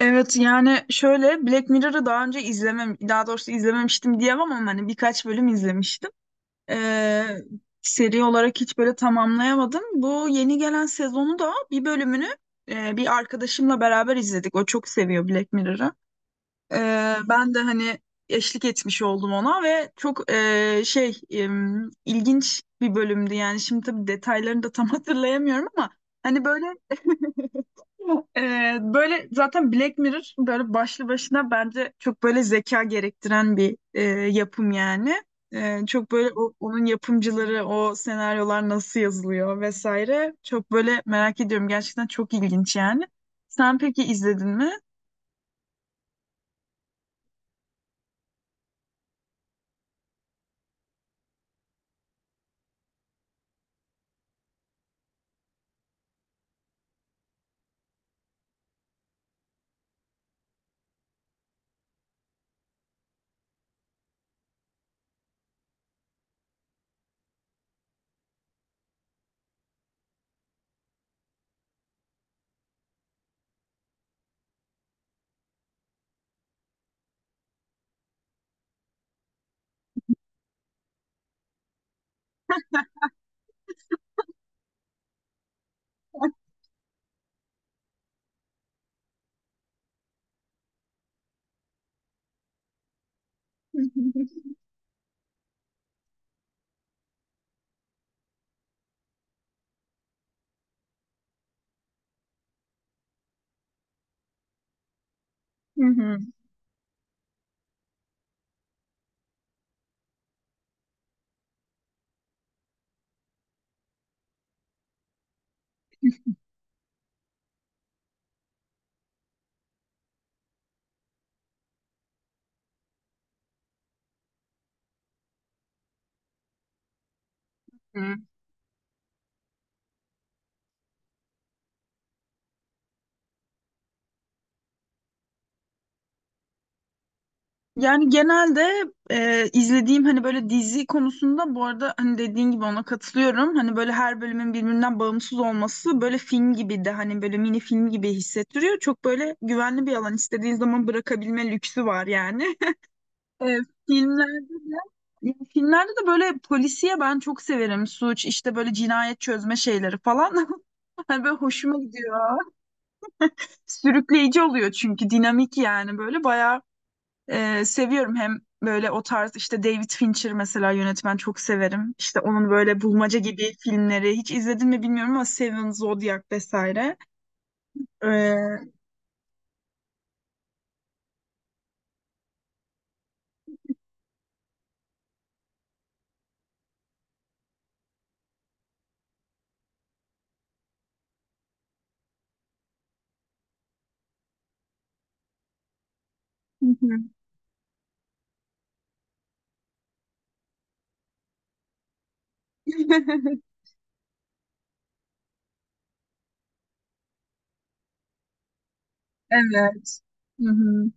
Evet yani şöyle Black Mirror'ı daha önce izlemem, daha doğrusu izlememiştim diyemem ama hani birkaç bölüm izlemiştim. Ee, Seri olarak hiç böyle tamamlayamadım. Bu yeni gelen sezonu da bir bölümünü bir arkadaşımla beraber izledik. O çok seviyor Black Mirror'ı. Ben de hani eşlik etmiş oldum ona ve çok ilginç bir bölümdü. Yani şimdi tabii detaylarını da tam hatırlayamıyorum ama hani böyle böyle zaten Black Mirror böyle başlı başına bence çok böyle zeka gerektiren bir yapım yani. Çok böyle onun yapımcıları, o senaryolar nasıl yazılıyor vesaire. Çok böyle merak ediyorum. Gerçekten çok ilginç yani. Sen peki izledin mi? Hı hı. Yani genelde izlediğim hani böyle dizi konusunda bu arada hani dediğin gibi ona katılıyorum. Hani böyle her bölümün birbirinden bağımsız olması böyle film gibi de hani böyle mini film gibi hissettiriyor. Çok böyle güvenli bir alan istediğin zaman bırakabilme lüksü var yani. E, Filmlerde de ya filmlerde de böyle polisiye ben çok severim. Suç işte böyle cinayet çözme şeyleri falan. Hani böyle hoşuma gidiyor. Sürükleyici oluyor çünkü dinamik yani böyle bayağı seviyorum hem böyle o tarz işte David Fincher mesela yönetmen çok severim. İşte onun böyle bulmaca gibi filmleri hiç izledin mi bilmiyorum ama Seven, Zodiac vesaire. Ee, hı hı. Evet. Hı hı.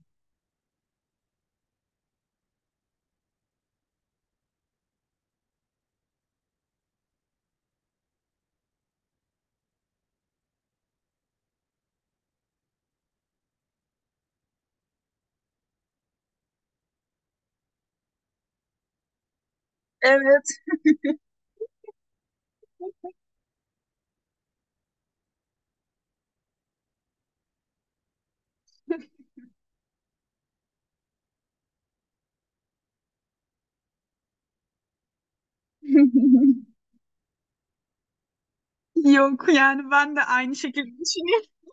Evet. Yok yani ben de aynı şekilde düşünüyorum.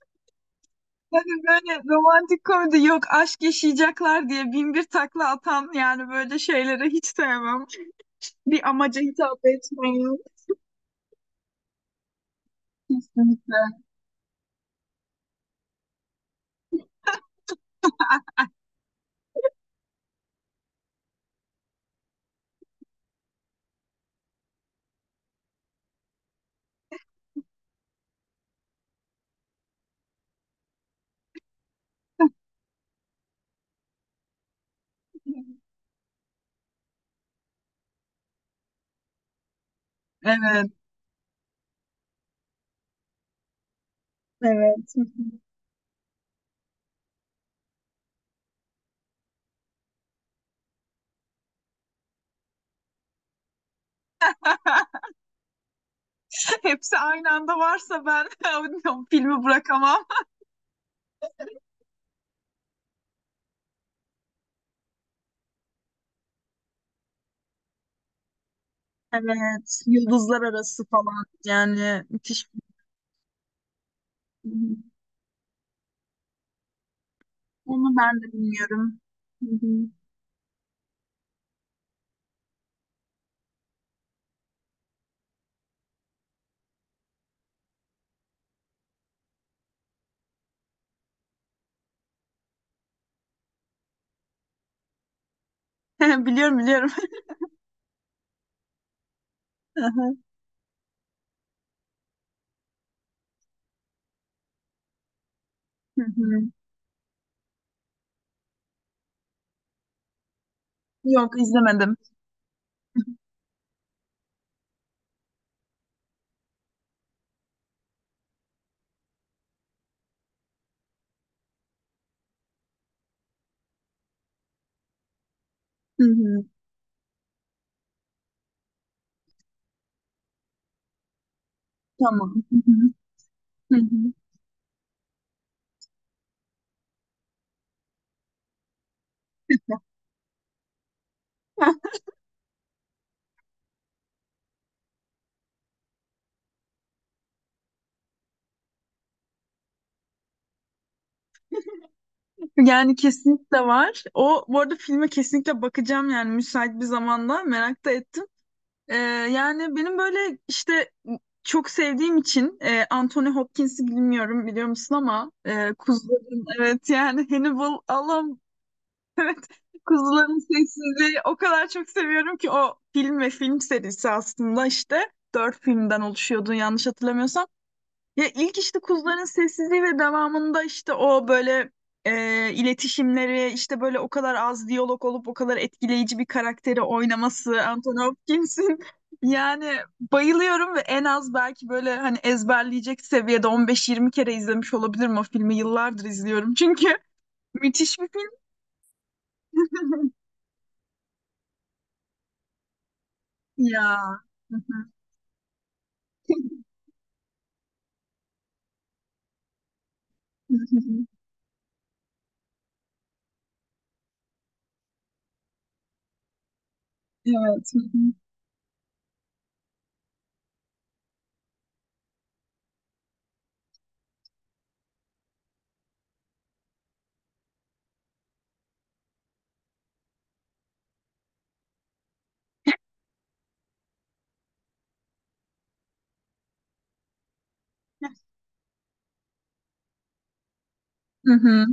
Hani böyle romantik komedi yok aşk yaşayacaklar diye bin bir takla atan yani böyle şeyleri hiç sevmem. Bir amaca hitap etmeyen. Kesinlikle. Evet. Evet. Hepsi aynı anda varsa ben filmi bırakamam. Evet, yıldızlar arası falan yani müthiş. Bir film. Onu ben de bilmiyorum. Hı hı. Biliyorum biliyorum. Hı hı. Yok izlemedim. Hı hı. Tamam. Hı hı. Hı hı. Yani kesinlikle var. O bu arada filme kesinlikle bakacağım yani müsait bir zamanda merak da ettim. Ee, Yani benim böyle işte çok sevdiğim için Anthony Hopkins'i bilmiyorum biliyor musun ama kuzuların evet yani Hannibal Allah'ım evet kuzuların sessizliği o kadar çok seviyorum ki o film ve film serisi aslında işte dört filmden oluşuyordu yanlış hatırlamıyorsam. Ya ilk işte kuzuların sessizliği ve devamında işte o böyle iletişimleri işte böyle o kadar az diyalog olup o kadar etkileyici bir karakteri oynaması Anthony Hopkins'in yani bayılıyorum ve en az belki böyle hani ezberleyecek seviyede 15-20 kere izlemiş olabilirim o filmi yıllardır izliyorum çünkü müthiş bir film ya evet. Hı hı.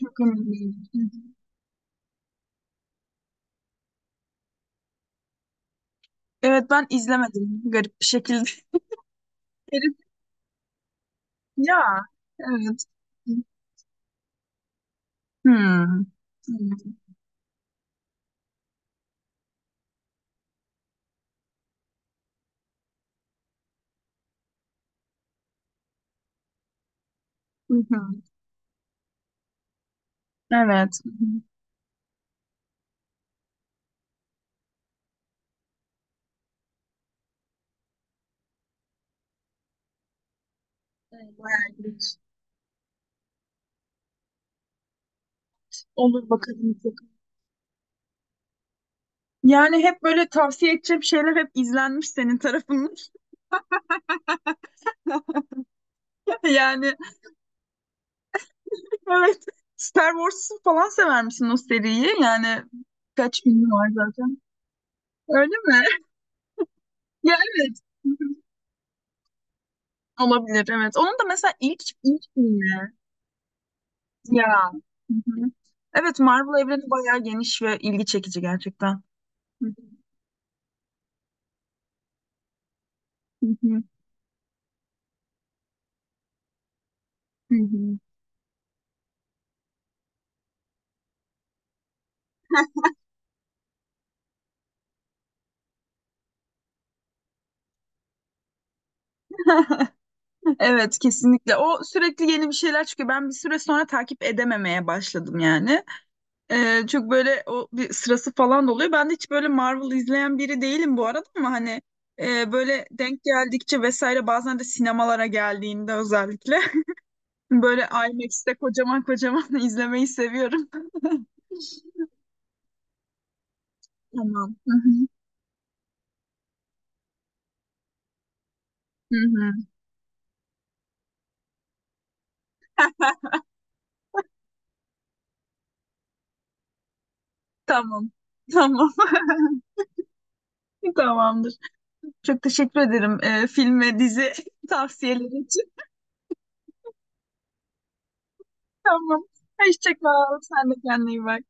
Çok önemli. Evet ben izlemedim garip bir şekilde. Ya, evet. Hmm. Hı hı. Evet. Hı hı. Evet, bayağı ilginç. Olur bakalım. Yani hep böyle tavsiye edeceğim şeyler hep izlenmiş senin tarafından. Yani evet. Star Wars'u falan sever misin o seriyi? Yani kaç filmi var zaten. Öyle mi? Ya evet. Hı hı. Olabilir evet. Onun da mesela ilk ilk filmi. Ya. Hı hı. Evet Marvel evreni bayağı geniş ve ilgi çekici gerçekten. Hı hı. Hı hı. Evet kesinlikle. O sürekli yeni bir şeyler çıkıyor. Ben bir süre sonra takip edememeye başladım yani. Çok böyle o bir sırası falan da oluyor. Ben de hiç böyle Marvel izleyen biri değilim bu arada ama hani böyle denk geldikçe vesaire bazen de sinemalara geldiğinde özellikle böyle IMAX'te kocaman kocaman izlemeyi seviyorum. Tamam. Hı hı, hı hı. Tamam. Tamam. Tamamdır. Çok teşekkür ederim film ve dizi tavsiyeleri. Tamam. Hoşça kal. Sen de kendine iyi bak.